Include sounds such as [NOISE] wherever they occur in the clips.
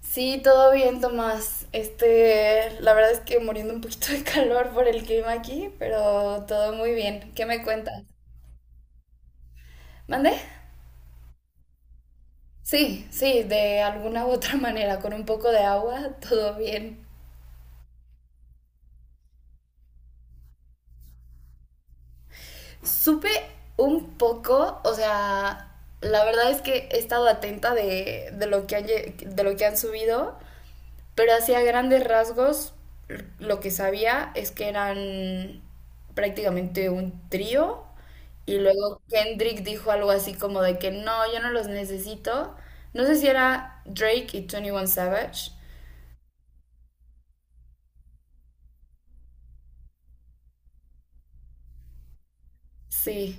Sí, todo bien, Tomás. La verdad es que muriendo un poquito de calor por el clima aquí, pero todo muy bien. ¿Qué me cuentas? ¿Mande? Sí, sí, de alguna u otra [LAUGHS] manera, con un poco de agua, todo bien. Supe un poco, o sea, la verdad es que he estado atenta de lo que han, de lo que han subido. Pero hacia grandes rasgos, lo que sabía es que eran prácticamente un trío. Y luego Kendrick dijo algo así como de que no, yo no los necesito. No sé si era Drake y 21 Savage. Sí,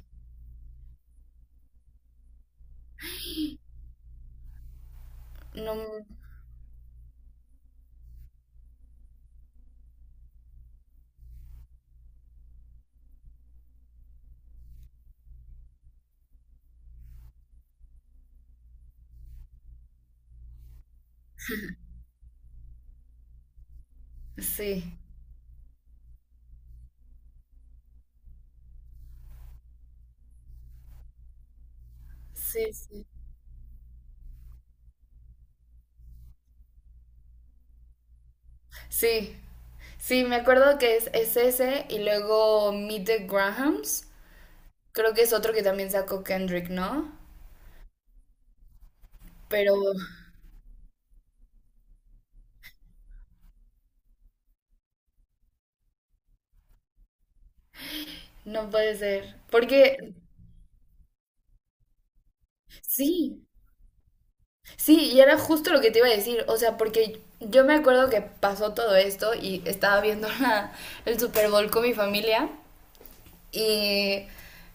no, sí, sí, sí. Sí, sí, me acuerdo que es ese y luego Meet the Grahams. Creo que es otro que también sacó Kendrick, ¿no? Pero no puede ser. Porque sí. Sí, y era justo lo que te iba a decir, o sea, porque yo me acuerdo que pasó todo esto y estaba viendo [LAUGHS] el Super Bowl con mi familia y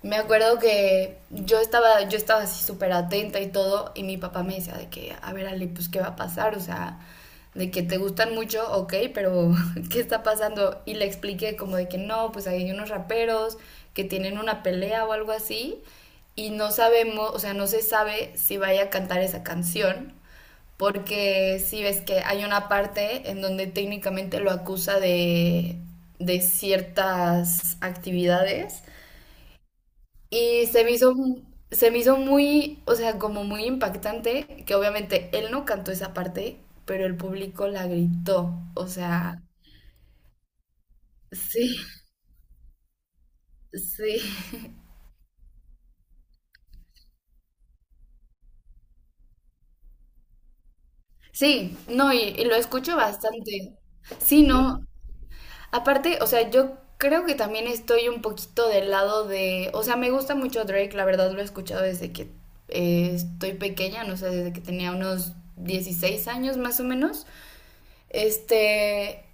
me acuerdo que yo estaba así súper atenta y todo y mi papá me decía de que, a ver Ale, pues ¿qué va a pasar? O sea, de que te gustan mucho, ok, pero [LAUGHS] ¿qué está pasando? Y le expliqué como de que no, pues hay unos raperos que tienen una pelea o algo así y no sabemos, o sea, no se sabe si vaya a cantar esa canción porque sí ves que hay una parte en donde técnicamente lo acusa de ciertas actividades y se me hizo muy, o sea, como muy impactante que obviamente él no cantó esa parte, pero el público la gritó, o sea, sí, sí, sí, no, y lo escucho bastante. Sí, no, aparte, o sea, yo creo que también estoy un poquito del lado de, o sea, me gusta mucho Drake, la verdad lo he escuchado desde que estoy pequeña, no sé, desde que tenía unos 16 años más o menos. Este,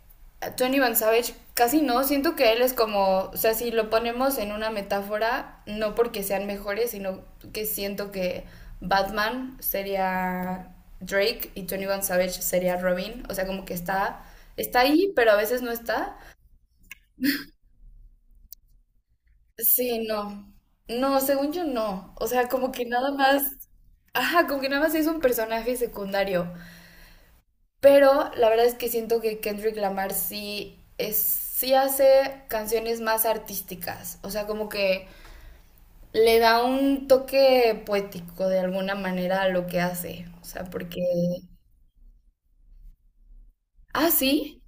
Tony Van Savage casi no, siento que él es como, o sea, si lo ponemos en una metáfora, no porque sean mejores, sino que siento que Batman sería Drake y Tony Van Savage sería Robin, o sea, como que está, está ahí, pero a veces no está. Sí, no. No, según yo no. O sea, como que nada más. Ajá, como que nada más es un personaje secundario. Pero la verdad es que siento que Kendrick Lamar sí es, sí hace canciones más artísticas. O sea, como que le da un toque poético de alguna manera a lo que hace. O sea, porque. Ah, sí.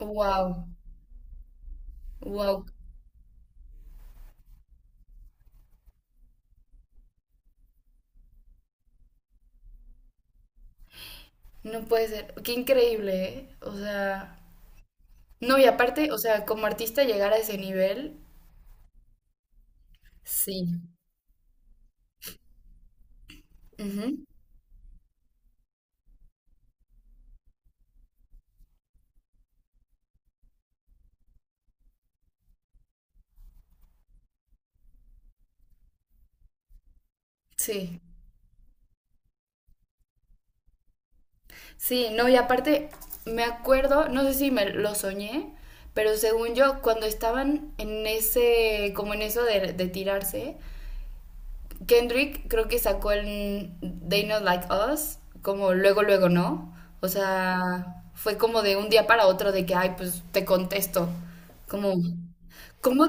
Wow. Wow. No puede ser. Qué increíble, ¿eh? O sea. No, y aparte, o sea, como artista llegar a ese nivel, sí. Ujú. Sí, sí, no, y aparte me acuerdo, no sé si me lo soñé, pero según yo, cuando estaban en ese, como en eso de tirarse, Kendrick creo que sacó el They Not Like Us, como luego, luego, ¿no? O sea, fue como de un día para otro de que, ay, pues te contesto, como... ¿Cómo?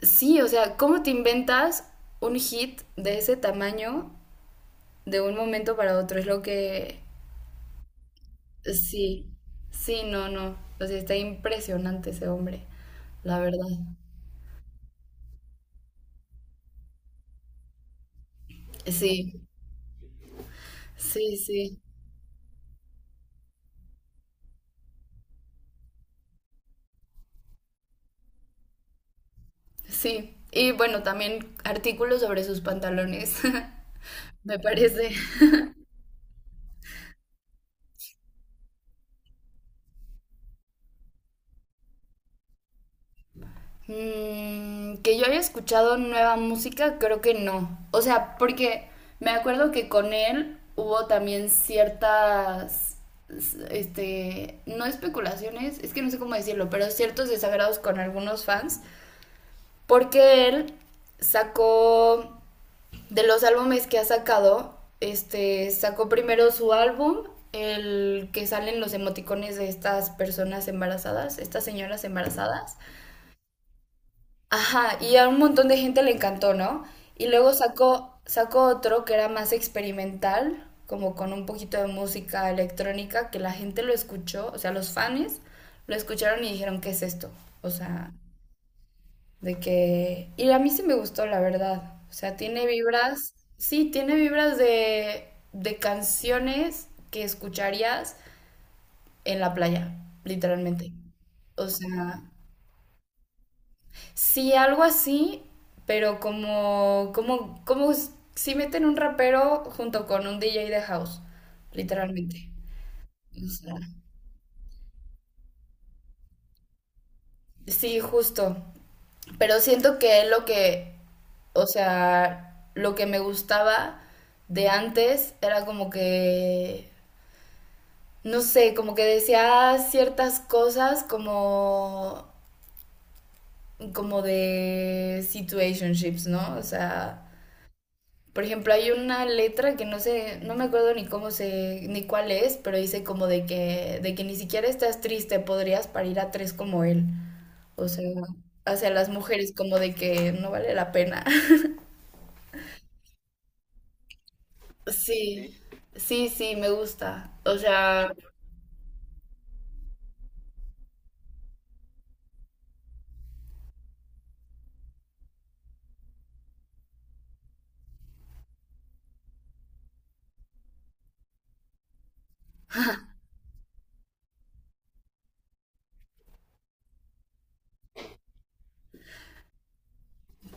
Sí, o sea, ¿cómo te inventas un hit de ese tamaño de un momento para otro? Es lo que, sí, sí, no, no. O sea, está impresionante ese hombre, la verdad. Sí, sí, sí, sí. Y bueno, también artículos sobre sus pantalones, [LAUGHS] me parece. Mm, que yo haya escuchado nueva música, creo que no. O sea, porque me acuerdo que con él hubo también ciertas, no especulaciones, es que no sé cómo decirlo, pero ciertos desagrados con algunos fans. Porque él sacó, de los álbumes que ha sacado, sacó primero su álbum, el que salen los emoticones de estas personas embarazadas, estas señoras embarazadas. Ajá, y a un montón de gente le encantó, ¿no? Y luego sacó, sacó otro que era más experimental, como con un poquito de música electrónica, que la gente lo escuchó, o sea, los fans lo escucharon y dijeron, ¿qué es esto? O sea, de que, y a mí sí me gustó, la verdad. O sea, tiene vibras, sí, tiene vibras de canciones que escucharías en la playa, literalmente. O sea, sí, algo así, pero como si meten un rapero junto con un DJ de house, literalmente. O sea, sí, justo. Pero siento que lo que, o sea, lo que me gustaba de antes era como que, no sé, como que decía ciertas cosas como, como de situationships, ¿no? O sea, por ejemplo, hay una letra que no sé, no me acuerdo ni cómo se, ni cuál es, pero dice como de que ni siquiera estás triste, podrías parir a tres como él. O sea, hacia las mujeres como de que no vale la pena. Sí, ¿sí? Sí, sí, me gusta. O sea,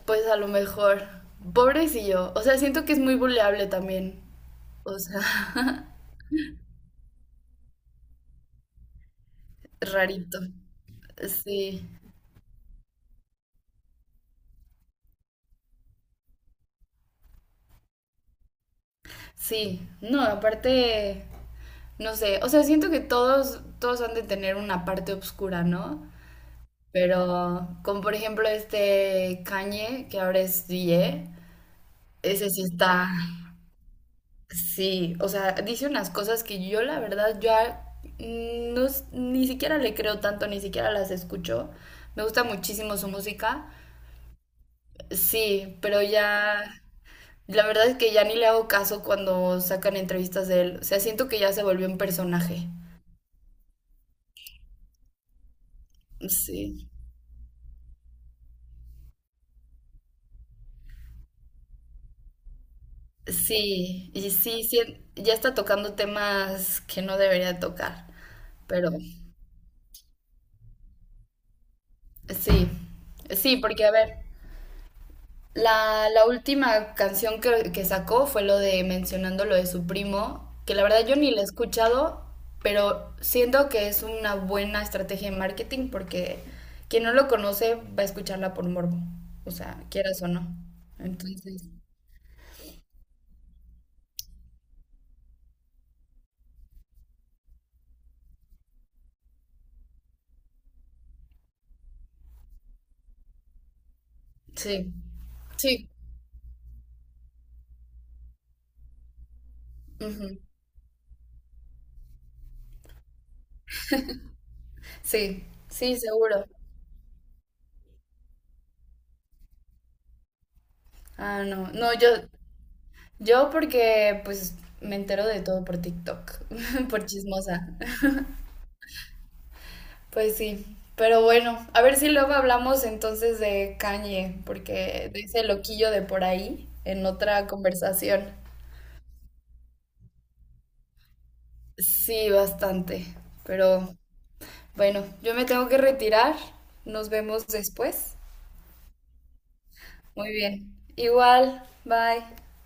pues a lo mejor, pobrecillo. O sea, siento que es muy buleable también. O sea, [LAUGHS] rarito. Sí, sí. No, aparte, no sé. O sea, siento que todos, todos han de tener una parte oscura, ¿no? Pero, como por ejemplo este Kanye, que ahora es DJ, ese sí está. Sí, o sea, dice unas cosas que yo la verdad ya no, ni siquiera le creo tanto, ni siquiera las escucho. Me gusta muchísimo su música. Sí, pero ya, la verdad es que ya ni le hago caso cuando sacan entrevistas de él. O sea, siento que ya se volvió un personaje. Sí. Sí, sí, ya está tocando temas que no debería tocar, pero sí, sí, porque a ver. La última canción que sacó fue lo de mencionando lo de su primo, que la verdad yo ni la he escuchado, pero siento que es una buena estrategia de marketing porque quien no lo conoce va a escucharla por morbo, o sea, quieras o no. Entonces, sí, sí, ujú, sí, sí, seguro. Ah, no, no, yo porque pues me entero de todo por TikTok, [LAUGHS] por chismosa. Pues sí, pero bueno, a ver si luego hablamos entonces de Kanye, porque de ese loquillo de por ahí en otra conversación. Sí, bastante, pero bueno, yo me tengo que retirar. Nos vemos después. Muy bien. Igual, bye.